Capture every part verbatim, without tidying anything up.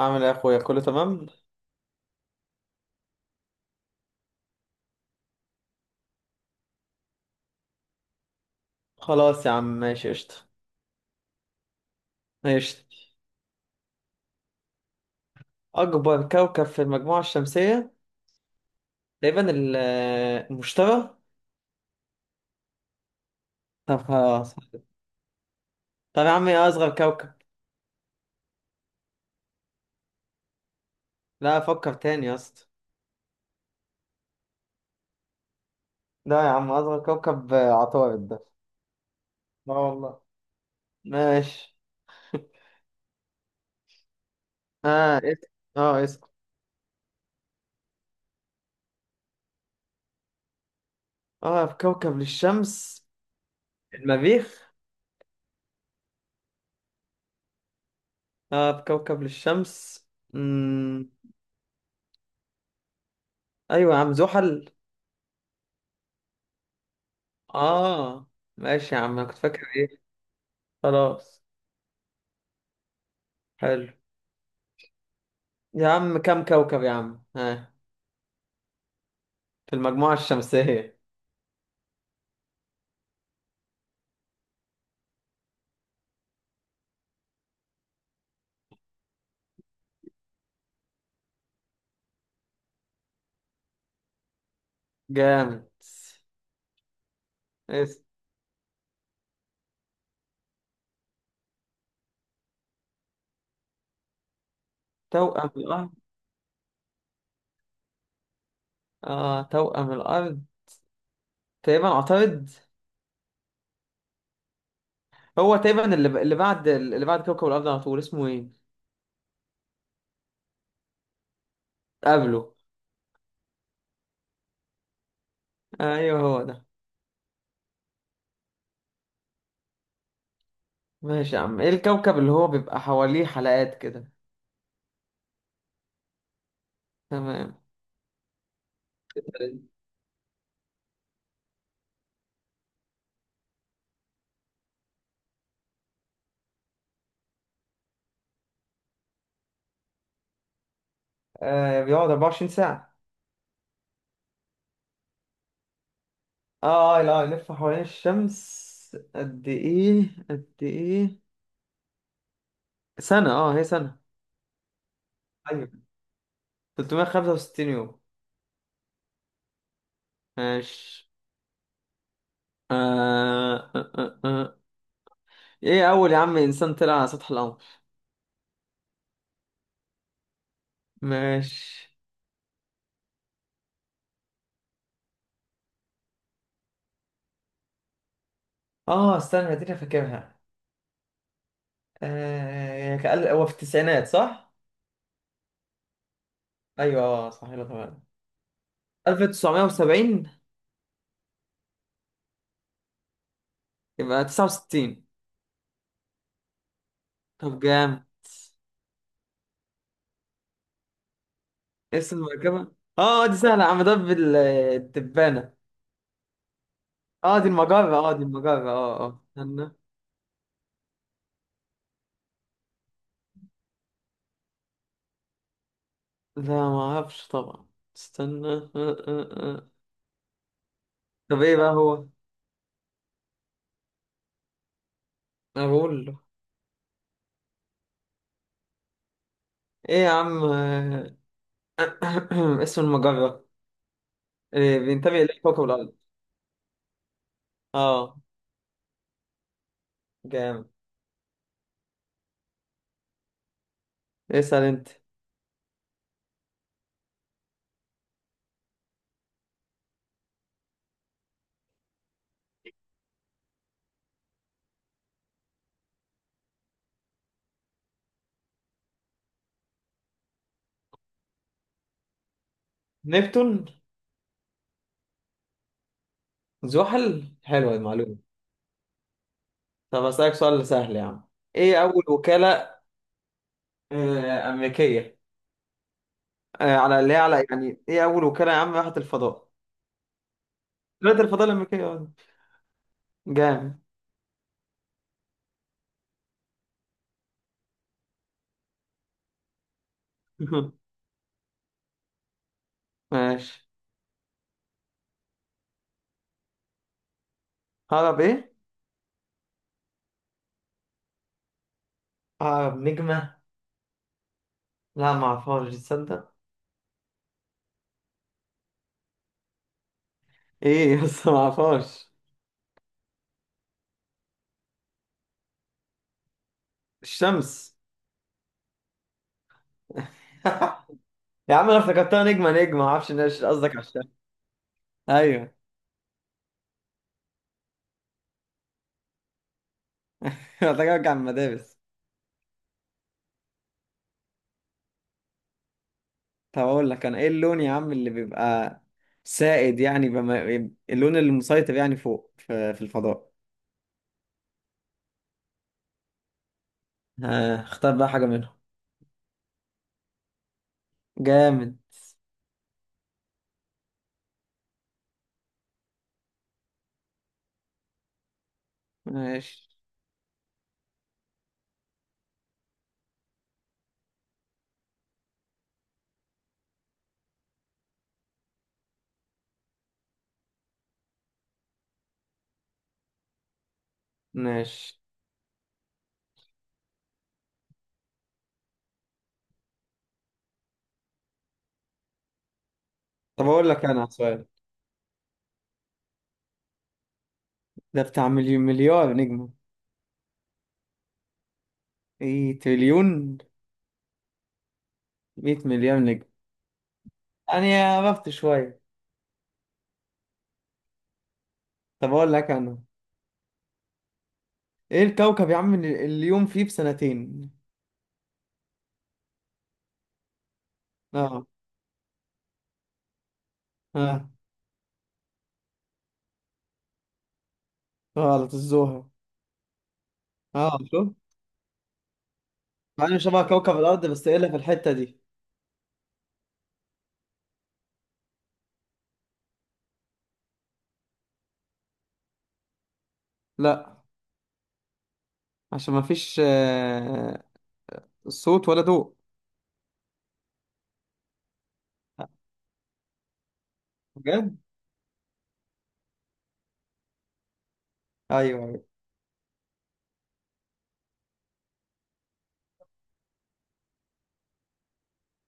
عامل ايه يا اخويا، كله تمام. خلاص يا عم، ماشي قشطة. قشطة. اكبر كوكب في المجموعة الشمسية تقريبا ال- المشتري. طب خلاص. طب يا عم، ايه اصغر كوكب؟ لا، افكر تاني يا اسطى. لا يا عم، اصغر كوكب آه، عطارد ده. لا والله. ماشي. اه اسم اه اسم. اه، في كوكب للشمس؟ المريخ. اه، في كوكب للشمس. مم. ايوه يا عم، زحل. اه. ماشي يا عم، انا كنت فاكر ايه. خلاص. حلو. يا عم كم كوكب يا عم؟ ها؟ في المجموعة الشمسية. جامد. إيه، توأم الأرض. آه، توأم الأرض. تقريبا أعترض. هو تقريبا اللي, ب... اللي بعد اللي بعد كوكب الأرض على طول، اسمه إيه؟ قبله. أيوه، هو ده. ماشي يا عم، إيه الكوكب اللي هو بيبقى حواليه حلقات كده؟ تمام. آه، بيقعد 24 ساعة. آه لا، يلف حوالين الشمس قد إيه قد إيه سنة، آه هي سنة. أيوه. 365 يوم. ماشي. آه آه آه آه. آه. ايه اول يا عم انسان طلع على سطح القمر؟ ماشي. اه استنى، دي انا فاكرها. آه كأل... هو في التسعينات، صح؟ ايوه، اه صح، يلا طبعا. ألف وتسعمية وسبعين. يبقى تسعة وستين. طب جامد. اسم المركبة. اه دي سهلة يا عم، ده بال- الدبانة. اه دي المجرة اه دي المجرة. اه اه استنى. لا ما اعرفش طبعا. استنى. آه آه آه. طب ايه بقى هو؟ اقول له. ايه يا عم. اسم المجرة إيه، بينتمي إلى كوكب الأرض. اه. جامد. اسأل أنت. نبتون. زحل. حلوة المعلومة. طب أسألك سؤال سهل يا عم. إيه أول وكالة آه، أمريكية، آه، على اللي هي، على يعني إيه أول وكالة يا عم راحت الفضاء؟ وكالة الفضاء الأمريكية. آه. جامد. ماشي. هرب إيه؟ هرب نجمة. لا معرفهاش، تصدق. إيه بس، معرفهاش. الشمس. يا عم أنا افتكرتها نجمة نجمة، معرفش إن هي- قصدك على الشمس. أيوه. محتاج ارجع من المدارس. طب اقول لك انا، ايه اللون يا عم اللي بيبقى سائد يعني بما... اللون اللي مسيطر يعني فوق في, في الفضاء؟ ها اختار بقى حاجة منهم. جامد. ماشي. ماشي. طب اقول لك انا سؤال. ده بتاع مليون مليار نجمة. ايه تريليون. 100 مليار نجم. انا عرفت شوية. طب اقول لك انا. ايه الكوكب يا عم اللي اليوم فيه بسنتين؟ اه. اه. غلط، الزهرة. اه شوف. مع انه شبه كوكب الارض، بس ايه اللي في الحتة دي. لا. عشان ما فيش آه، صوت ولا ضوء. بجد. ايوه، ايوه.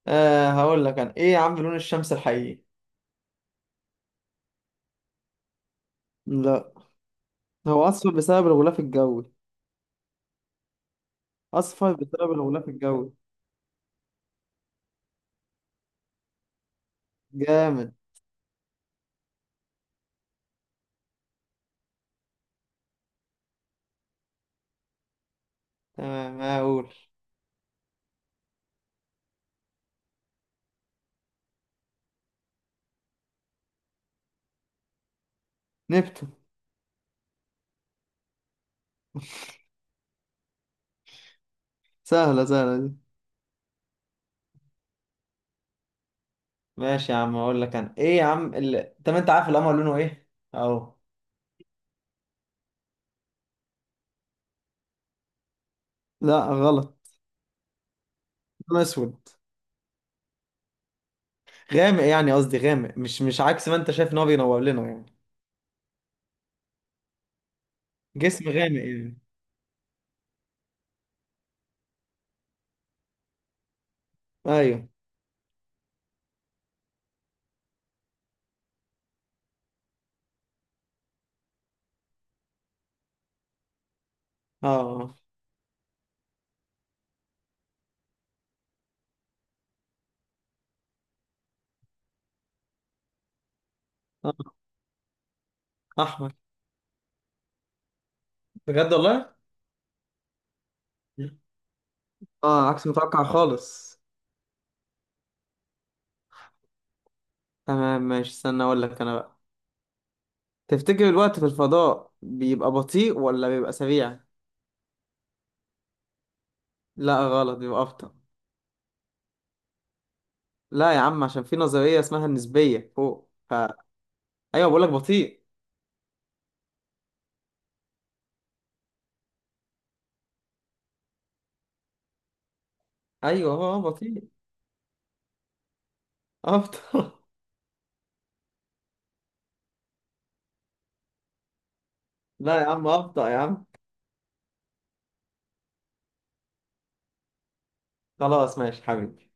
أه هقول لك انا، ايه يا عم لون الشمس الحقيقي؟ لا. هو اصفر بسبب الغلاف الجوي. اصفر بسبب الغلاف الجوي. جامد. تمام ما اقول. نبتون. سهلة، سهلة دي. ماشي يا عم، اقول لك انا ايه يا عم اللي... طب انت عارف القمر لونه ايه اهو؟ لا غلط. لون اسود. غامق يعني، قصدي غامق، مش مش عكس ما انت شايف ان هو بينور لنا يعني. جسم غامق يعني. ايوه. اه. آه. احمد. بجد والله. مم. اه عكس متوقع خالص. تمام ماشي، استنى اقول لك انا بقى. تفتكر الوقت في الفضاء بيبقى بطيء ولا بيبقى سريع؟ لا غلط، بيبقى ابطأ. لا يا عم، عشان في نظرية اسمها النسبية فوق ف... ايوه. بقول لك بطيء. ايوه هو بطيء. ابطأ. لا يا عم ابطأ يا عم. خلاص ماشي حبيبي.